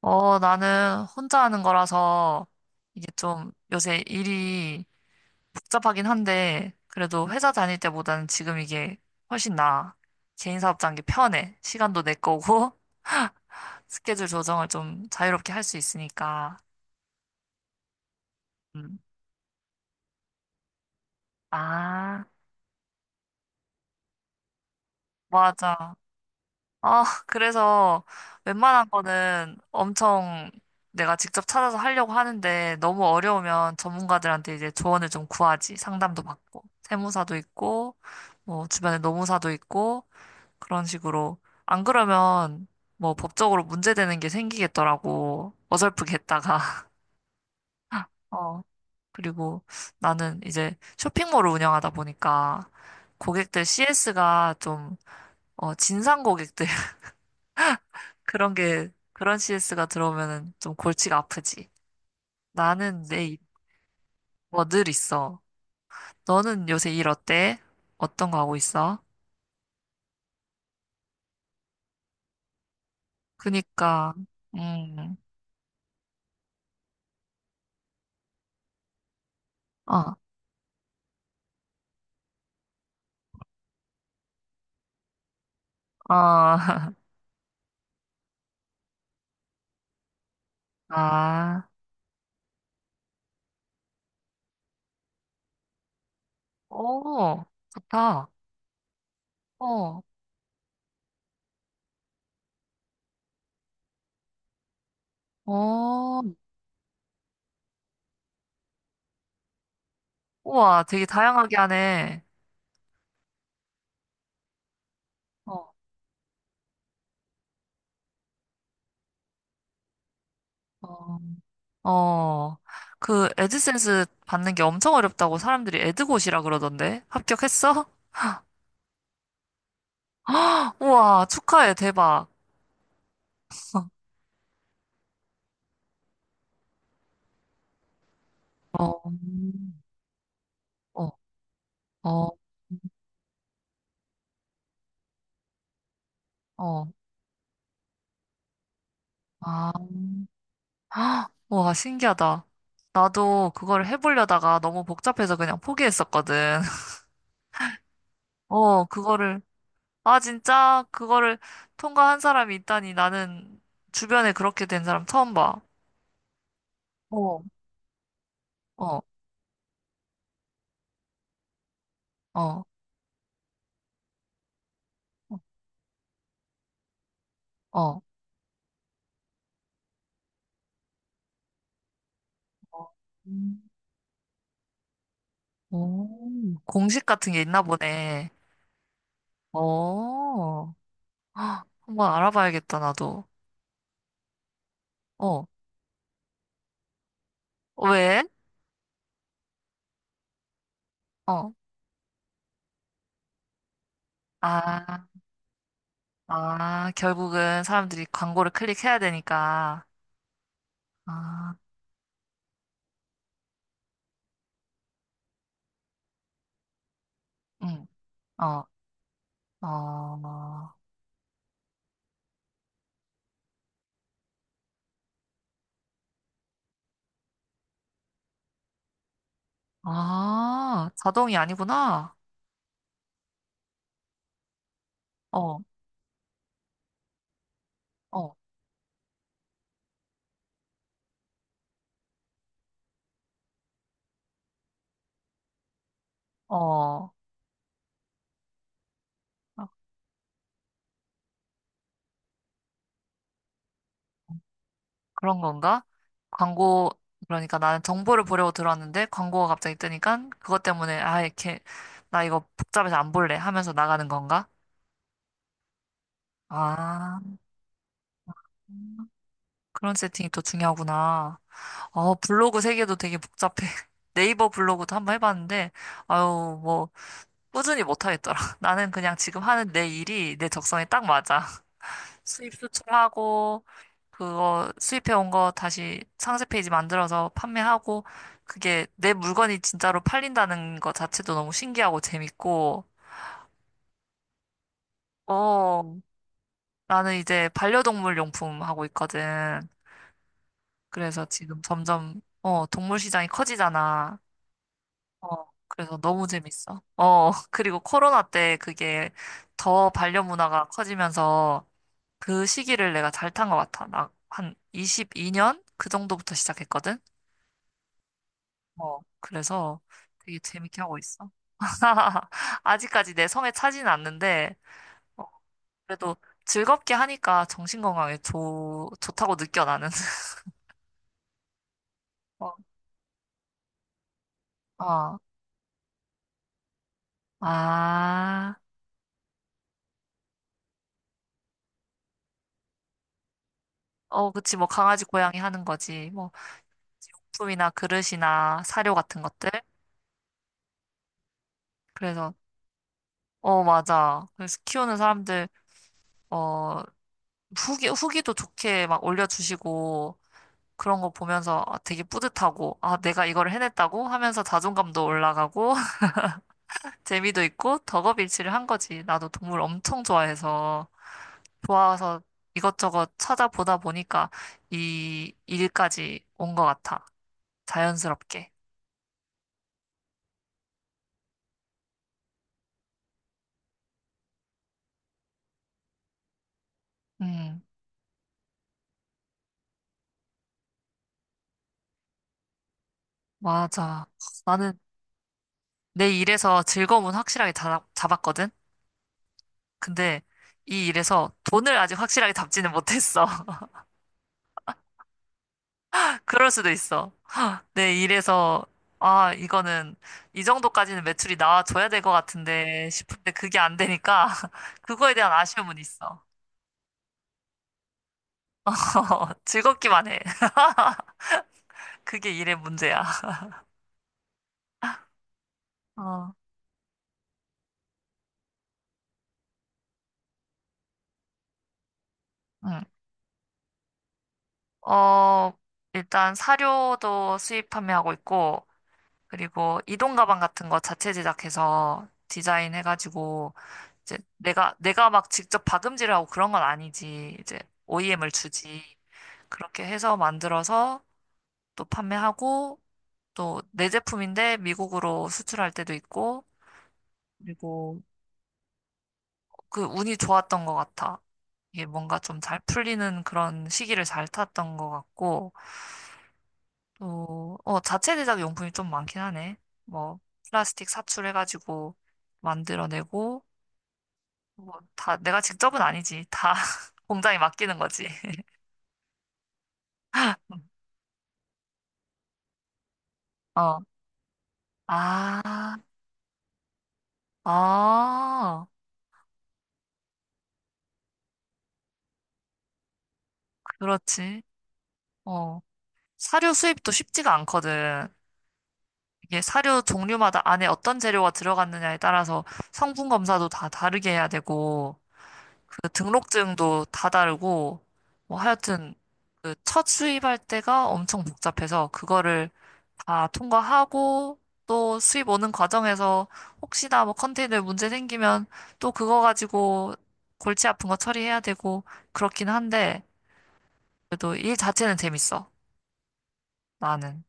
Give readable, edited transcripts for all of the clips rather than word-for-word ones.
어, 나는 혼자 하는 거라서 이게 좀 요새 일이 복잡하긴 한데 그래도 회사 다닐 때보다는 지금 이게 훨씬 나아. 개인 사업자인 게 편해. 시간도 내 거고 스케줄 조정을 좀 자유롭게 할 수 있으니까. 음. 아, 맞아. 아, 그래서 웬만한 거는 엄청 내가 직접 찾아서 하려고 하는데 너무 어려우면 전문가들한테 이제 조언을 좀 구하지. 상담도 받고. 세무사도 있고, 뭐 주변에 노무사도 있고, 그런 식으로. 안 그러면 뭐 법적으로 문제되는 게 생기겠더라고. 어설프게 했다가. 어. 그리고 나는 이제 쇼핑몰을 운영하다 보니까 고객들 CS가 좀, 진상 고객들 그런 CS가 들어오면은 좀 골치가 아프지. 나는 내, 뭐 늘 있어. 너는 요새 일 어때? 어떤 거 하고 있어? 그니까. 음. 어. 어. 아. 오, 좋다. 어. 어. 우와, 되게 다양하게 하네. 어. 어. 어. 그 애드센스 받는 게 엄청 어렵다고 사람들이 애드고시라 그러던데? 합격했어? 우와, 축하해, 대박. 어. 어. 어. 어. 아. 아, 와, 신기하다. 나도 그거를 해보려다가 너무 복잡해서 그냥 포기했었거든. 어, 아, 진짜? 그거를 통과한 사람이 있다니 나는 주변에 그렇게 된 사람 처음 봐. 어. 어. 어. 어. 어. 음. 오, 공식 같은 게 있나 보네. 어. 헉, 한번 알아봐야겠다, 나도. 어. 어, 왜? 어. 아. 아, 결국은 사람들이 광고를 클릭해야 되니까. 아. 응. 어. 어. 아, 자동이 아니구나. 어. 어. 어. 아, 그런 건가? 광고, 그러니까 나는 정보를 보려고 들어왔는데 광고가 갑자기 뜨니까 그것 때문에, 아, 이렇게, 나 이거 복잡해서 안 볼래 하면서 나가는 건가? 아, 그런 세팅이 또 중요하구나. 어, 블로그 세계도 되게 복잡해. 네이버 블로그도 한번 해봤는데, 아유, 뭐, 꾸준히 못 하겠더라. 나는 그냥 지금 하는 내 일이 내 적성에 딱 맞아. 수입 수출하고, 그거 수입해 온 거 다시 상세 페이지 만들어서 판매하고, 그게 내 물건이 진짜로 팔린다는 거 자체도 너무 신기하고 재밌고, 어, 나는 이제 반려동물 용품 하고 있거든. 그래서 지금 점점, 동물 시장이 커지잖아. 어, 그래서 너무 재밌어. 어, 그리고 코로나 때 그게 더 반려 문화가 커지면서 그 시기를 내가 잘 탄 것 같아. 나 한 22년? 그 정도부터 시작했거든? 어, 그래서 되게 재밌게 하고 있어. 아직까지 내 성에 차지는 않는데, 어, 그래도 즐겁게 하니까 정신건강에 좋다고 느껴, 나는. 어. 어. 아. 어, 그치, 뭐, 강아지, 고양이 하는 거지. 뭐, 용품이나 그릇이나 사료 같은 것들. 그래서, 어, 맞아. 그래서 키우는 사람들, 어, 후기도 좋게 막 올려주시고, 그런 거 보면서 아, 되게 뿌듯하고, 아, 내가 이걸 해냈다고 하면서 자존감도 올라가고, 재미도 있고, 덕업일치를 한 거지. 나도 동물 엄청 좋아해서, 좋아서 이것저것 찾아보다 보니까 이 일까지 온 것 같아. 자연스럽게. 음, 맞아. 나는 내 일에서 즐거움은 확실하게 잡았거든? 근데 이 일에서 돈을 아직 확실하게 잡지는 못했어. 그럴 수도 있어. 네, 아, 이 정도까지는 매출이 나와줘야 될 것 같은데 싶은데 그게 안 되니까, 그거에 대한 아쉬움은 있어. 즐겁기만 해. 그게 일의 문제야. 어. 응. 어, 일단 사료도 수입 판매하고 있고, 그리고 이동 가방 같은 거 자체 제작해서 디자인해가지고, 이제 내가 막 직접 박음질을 하고 그런 건 아니지. 이제 OEM을 주지. 그렇게 해서 만들어서 또 판매하고 또 내 제품인데 미국으로 수출할 때도 있고 그리고 그 운이 좋았던 것 같아. 이게 뭔가 좀 잘 풀리는 그런 시기를 잘 탔던 것 같고 또 자체 제작 용품이 좀 많긴 하네. 뭐 플라스틱 사출해가지고 만들어내고 뭐 다 내가 직접은 아니지. 다 공장에 맡기는 거지. 어. 아. 아, 그렇지. 어. 사료 수입도 쉽지가 않거든. 이게 사료 종류마다 안에 어떤 재료가 들어갔느냐에 따라서 성분 검사도 다 다르게 해야 되고, 그 등록증도 다 다르고, 뭐 하여튼 그 첫 수입할 때가 엄청 복잡해서 그거를 다 통과하고 또 수입 오는 과정에서 혹시나 뭐 컨테이너에 문제 생기면 또 그거 가지고 골치 아픈 거 처리해야 되고 그렇긴 한데 그래도 일 자체는 재밌어. 나는.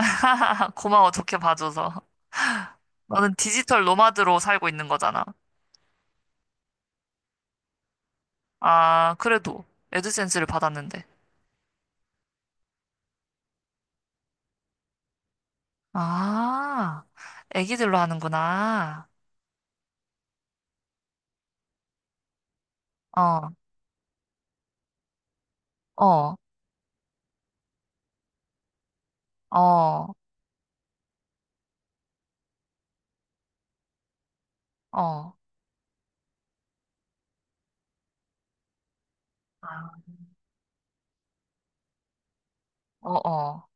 고마워, 좋게 봐줘서. 너는 디지털 노마드로 살고 있는 거잖아. 아, 그래도 애드센스를 받았는데. 아, 애기들로 하는구나. 어. 어. 어. 어. 아. 어. 어.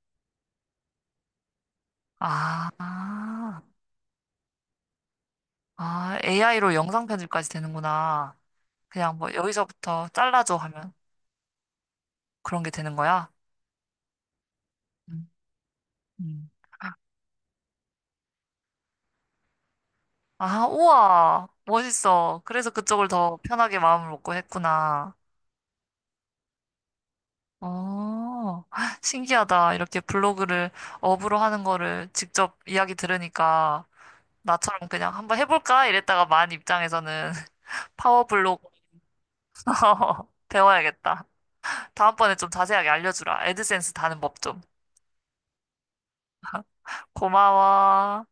아. 아, AI로 영상 편집까지 되는구나. 그냥 뭐 여기서부터 잘라줘 하면 그런 게 되는 거야. 음. 음. 아, 우와, 멋있어. 그래서 그쪽을 더 편하게 마음을 먹고 했구나. 어, 신기하다. 이렇게 블로그를 업으로 하는 거를 직접 이야기 들으니까 나처럼 그냥 한번 해볼까? 이랬다가 만 입장에서는 파워 블로그 배워야겠다. 다음번에 좀 자세하게 알려주라. 애드센스 다는 법 좀. 고마워.